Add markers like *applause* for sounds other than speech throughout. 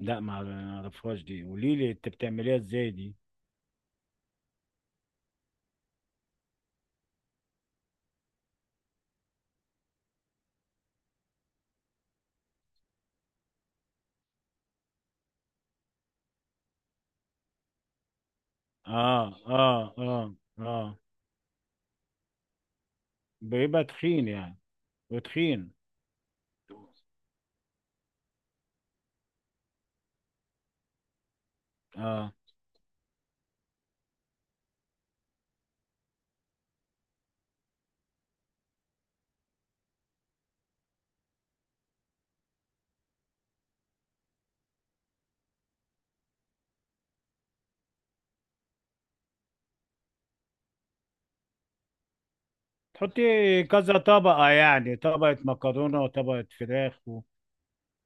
لا، ما اعرفهاش دي. قولي لي انت بتعمليها ازاي دي. اه، اه، اه، اه. بيبقى تخين يعني. وتخين. اه. تحطي كذا طبقة يعني طبقة مكرونة وطبقة فراخ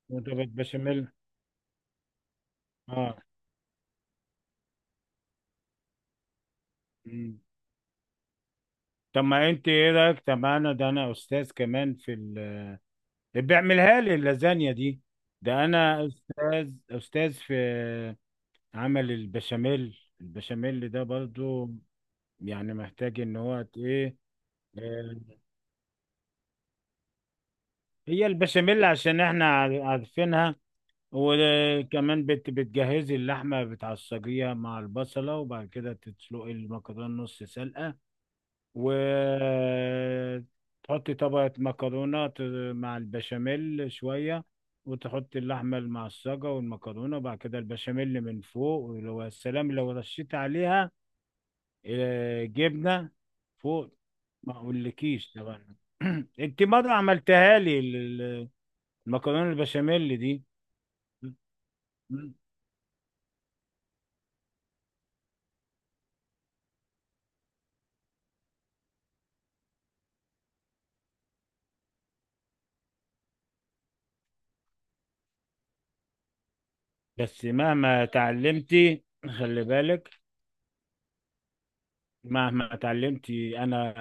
وطبقة بشاميل. اه. مم. طب ما انت ايه رايك؟ طب انا، ده انا استاذ كمان في بيعملها لي اللازانيا دي. ده انا استاذ في عمل البشاميل ده برضو يعني. محتاج ان هو ت- ايه آه، هي البشاميل عشان احنا عارفينها. وكمان بتجهزي اللحمه، بتعصجيها مع البصله، وبعد كده تسلقي المكرونه نص سلقه، وتحطي طبقه مكرونه مع البشاميل شويه، وتحطي اللحمه المعصجه والمكرونه، وبعد كده البشاميل من فوق، ولو السلام لو رشيت عليها آه، جبنه فوق. ما اقولكيش طبعا. *clears throat* انت مره عملتها لي ال- المكرونه البشاميل دي. بس مهما تعلمتي، خلي بالك، مهما تعلمتي انا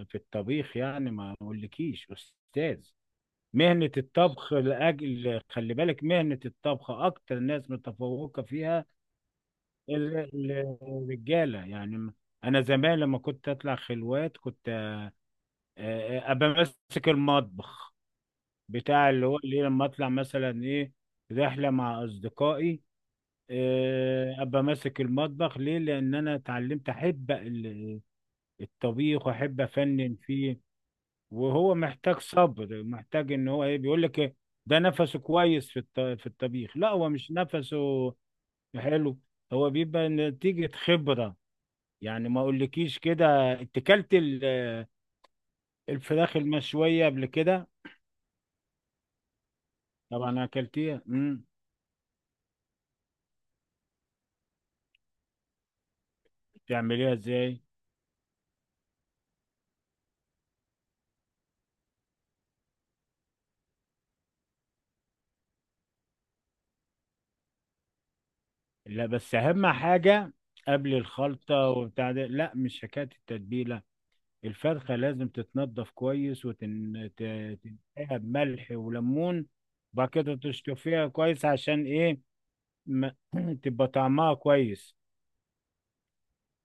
آه، في الطبيخ يعني. ما اقولكيش استاذ. مهنة الطبخ، لأجل خلي بالك، مهنة الطبخ أكتر ناس متفوقة فيها الرجالة يعني. أنا زمان لما كنت أطلع خلوات، كنت ابقى ماسك المطبخ، بتاع اللي هو اللي لما اطلع مثلا ايه، رحله مع اصدقائي، ابقى ماسك المطبخ. ليه؟ لان انا اتعلمت احب الطبيخ، واحب افنن فيه. وهو محتاج صبر، محتاج ان هو ايه، بيقول لك إيه، ده نفسه كويس في في الطبيخ. لا، هو مش نفسه، حلو. هو بيبقى نتيجه خبره يعني. ما اقولكيش كده. اتكلت الفراخ المشويه قبل كده؟ طبعا اكلتيها. بتعمليها ازاي؟ لا، بس اهم حاجه، قبل الخلطه وبتاع ده، لا مش حكايه التتبيله. الفرخه لازم تتنضف كويس وتنقيها بملح وليمون، وبعد كده تشطفيها كويس، عشان ايه؟ ما *clears throat* تبقى طعمها كويس.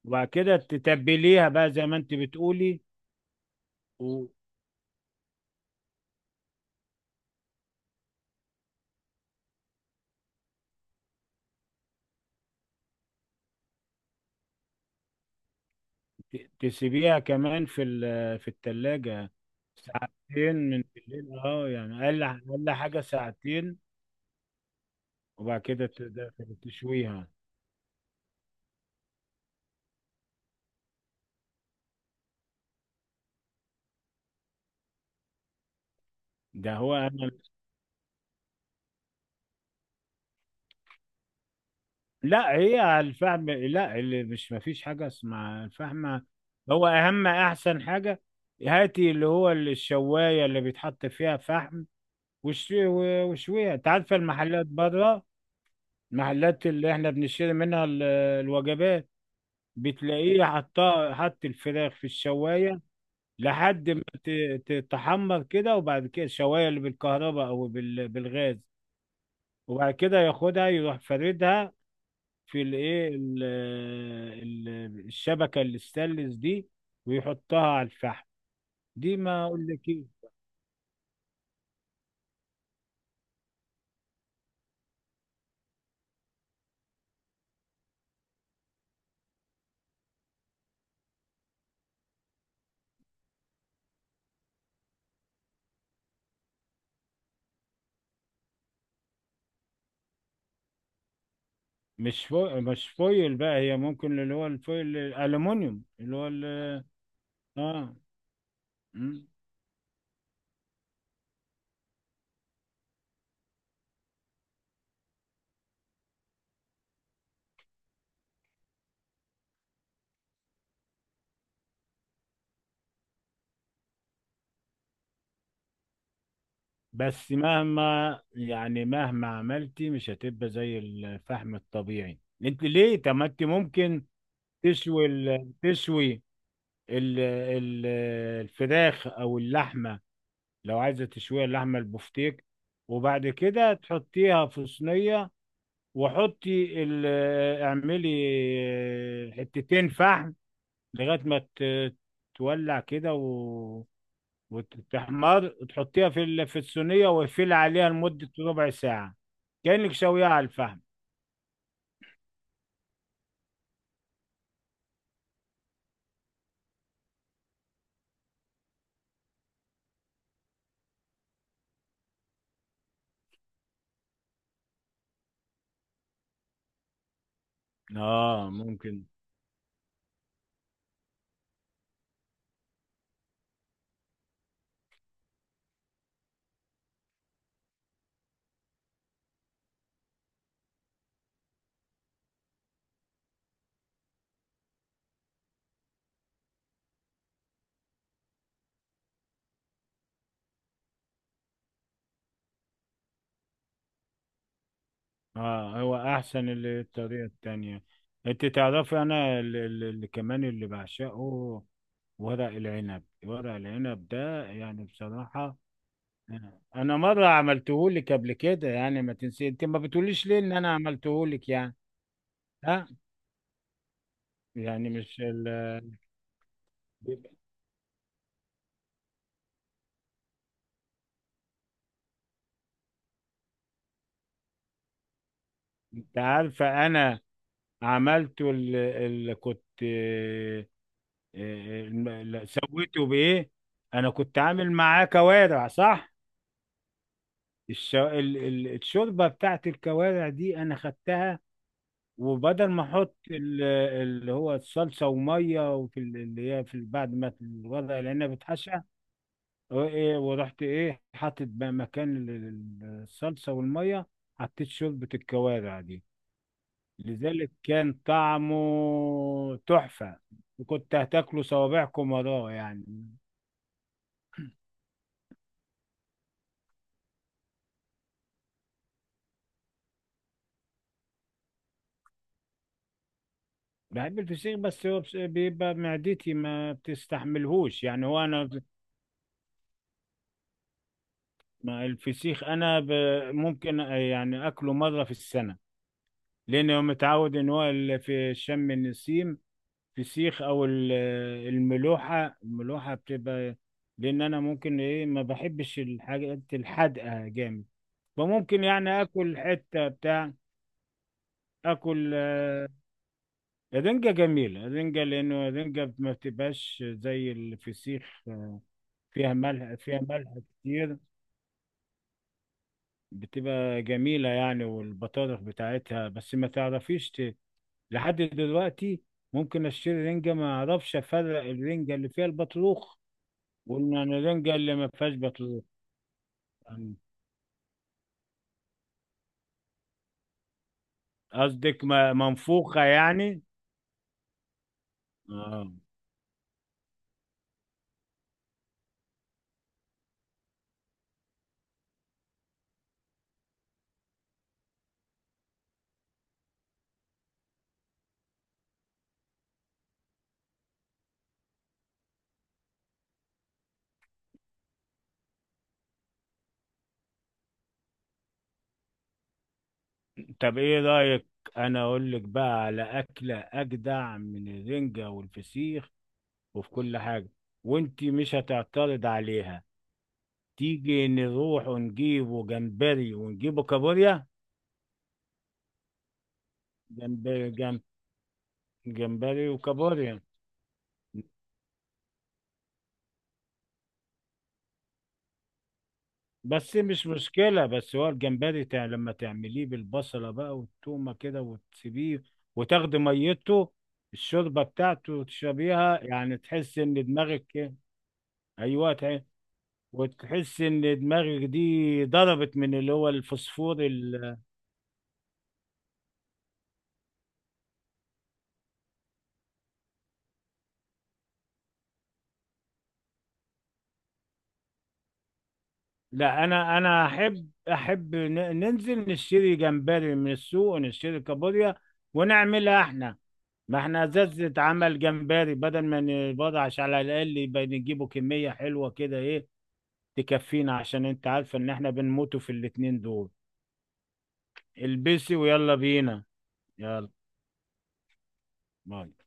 وبعد كده تتبليها بقى زي ما انت بتقولي، وتسيبيها كمان في في التلاجة ساعتين. من بالليل، اه، يعني اقل اقل حاجه ساعتين. وبعد كده تقدر تشويها. ده هو انا. لا، هي الفحم، لا اللي مش، ما فيش حاجه اسمها الفحم. هو اهم احسن حاجه، هاتي اللي هو الشوايه اللي بيتحط فيها فحم، وش- وشويها. انت عارفه المحلات بره، المحلات اللي احنا بنشتري منها الوجبات، بتلاقيه حطها، حط الفراخ في الشوايه لحد ما تتحمر كده، وبعد كده الشوايه اللي بالكهرباء او بالغاز. وبعد كده ياخدها يروح فاردها في الايه، الشبكه الاستانلس دي، ويحطها على الفحم. دي ما اقول لك ايه. مش فويل، مش فويل بقى، هي ممكن اللي هو الفويل الالومنيوم اللي هو اه. مم. بس مهما يعني مهما عملتي، مش هتبقى زي الفحم الطبيعي. انت ليه؟ طب ما انت ممكن تشوي ال- ال- الفراخ او اللحمه، لو عايزة تشويها، اللحمة البفتيك، وبعد كده تحطيها في صينية، وحطي اعملي حتتين فحم لغاية ما تولع كده، و... وتحمر، تحطيها في في الصينية، واقفلي عليها لمدة ربع ساعة، كأنك شويها على الفحم. اه ممكن. اه، هو احسن الطريقة التانية. انت تعرفي انا اللي كمان اللي بعشقه، ورق العنب. ورق العنب ده يعني بصراحة آه. أنا مرة عملتهولك قبل كده يعني، ما تنسي. أنت ما بتقوليش ليه إن أنا عملتهولك يعني. ها. يعني مش أنت عارفة أنا عملته كنت سويته بإيه؟ أنا كنت عامل معاه كوارع، صح؟ الشوربة بتاعت الكوارع دي أنا خدتها، وبدل ما احط اللي هو الصلصه وميه، وفي اللي هي في بعد ما الورق العنب اتحشى، أو إيه، ورحت ايه حاطط بقى مكان الصلصه والميه، حطيت شوربه الكوارع دي. لذلك كان طعمه تحفه، وكنت هتاكله صوابعكم وراه يعني. بحب الفسيخ، بس هو بيبقى معدتي ما بتستحملهوش يعني. هو انا، ما الفسيخ انا ممكن يعني اكله مره في السنه، لأنه متعود إن هو في شم النسيم فسيخ أو الملوحة. الملوحة بتبقى، لأن أنا ممكن إيه، ما بحبش الحاجات الحادقة جامد، فممكن يعني آكل حتة بتاع، آكل الرنجة جميلة. الرنجة لأنه الرنجة ما بتبقاش زي الفسيخ، فيها ملح، فيها ملح كتير، بتبقى جميلة يعني، والبطارخ بتاعتها. بس ما تعرفيش لحد دلوقتي، ممكن اشتري رنجة ما اعرفش افرق الرنجة اللي فيها البطروخ، وان انا الرنجة اللي ما فيهاش بطروخ يعني. قصدك منفوخة يعني؟ آه. طب ايه رأيك، انا اقول لك بقى على اكلة اجدع من الرنجة والفسيخ وفي كل حاجة، وانتي مش هتعترض عليها. تيجي نروح ونجيبه جمبري ونجيبه كابوريا. جمبري جمبري وكابوريا. بس مش مشكلة، بس هو الجمبري لما تعمليه بالبصلة بقى والتومة كده، وتسيبيه وتاخدي ميته، الشوربة بتاعته وتشربيها، يعني تحس ان دماغك إيه؟ ايوه، وتحس ان دماغك دي ضربت من اللي هو الفوسفور. لا، انا احب ننزل نشتري جمبري من السوق ونشتري كابوريا، ونعملها احنا. ما احنا ازاز اتعمل جمبري، بدل ما نبضعش، على الاقل يبقى نجيبه كمية حلوة كده، ايه، تكفينا، عشان انت عارفة ان احنا بنموتوا في الاتنين دول. البسي ويلا بينا. يلا، باي.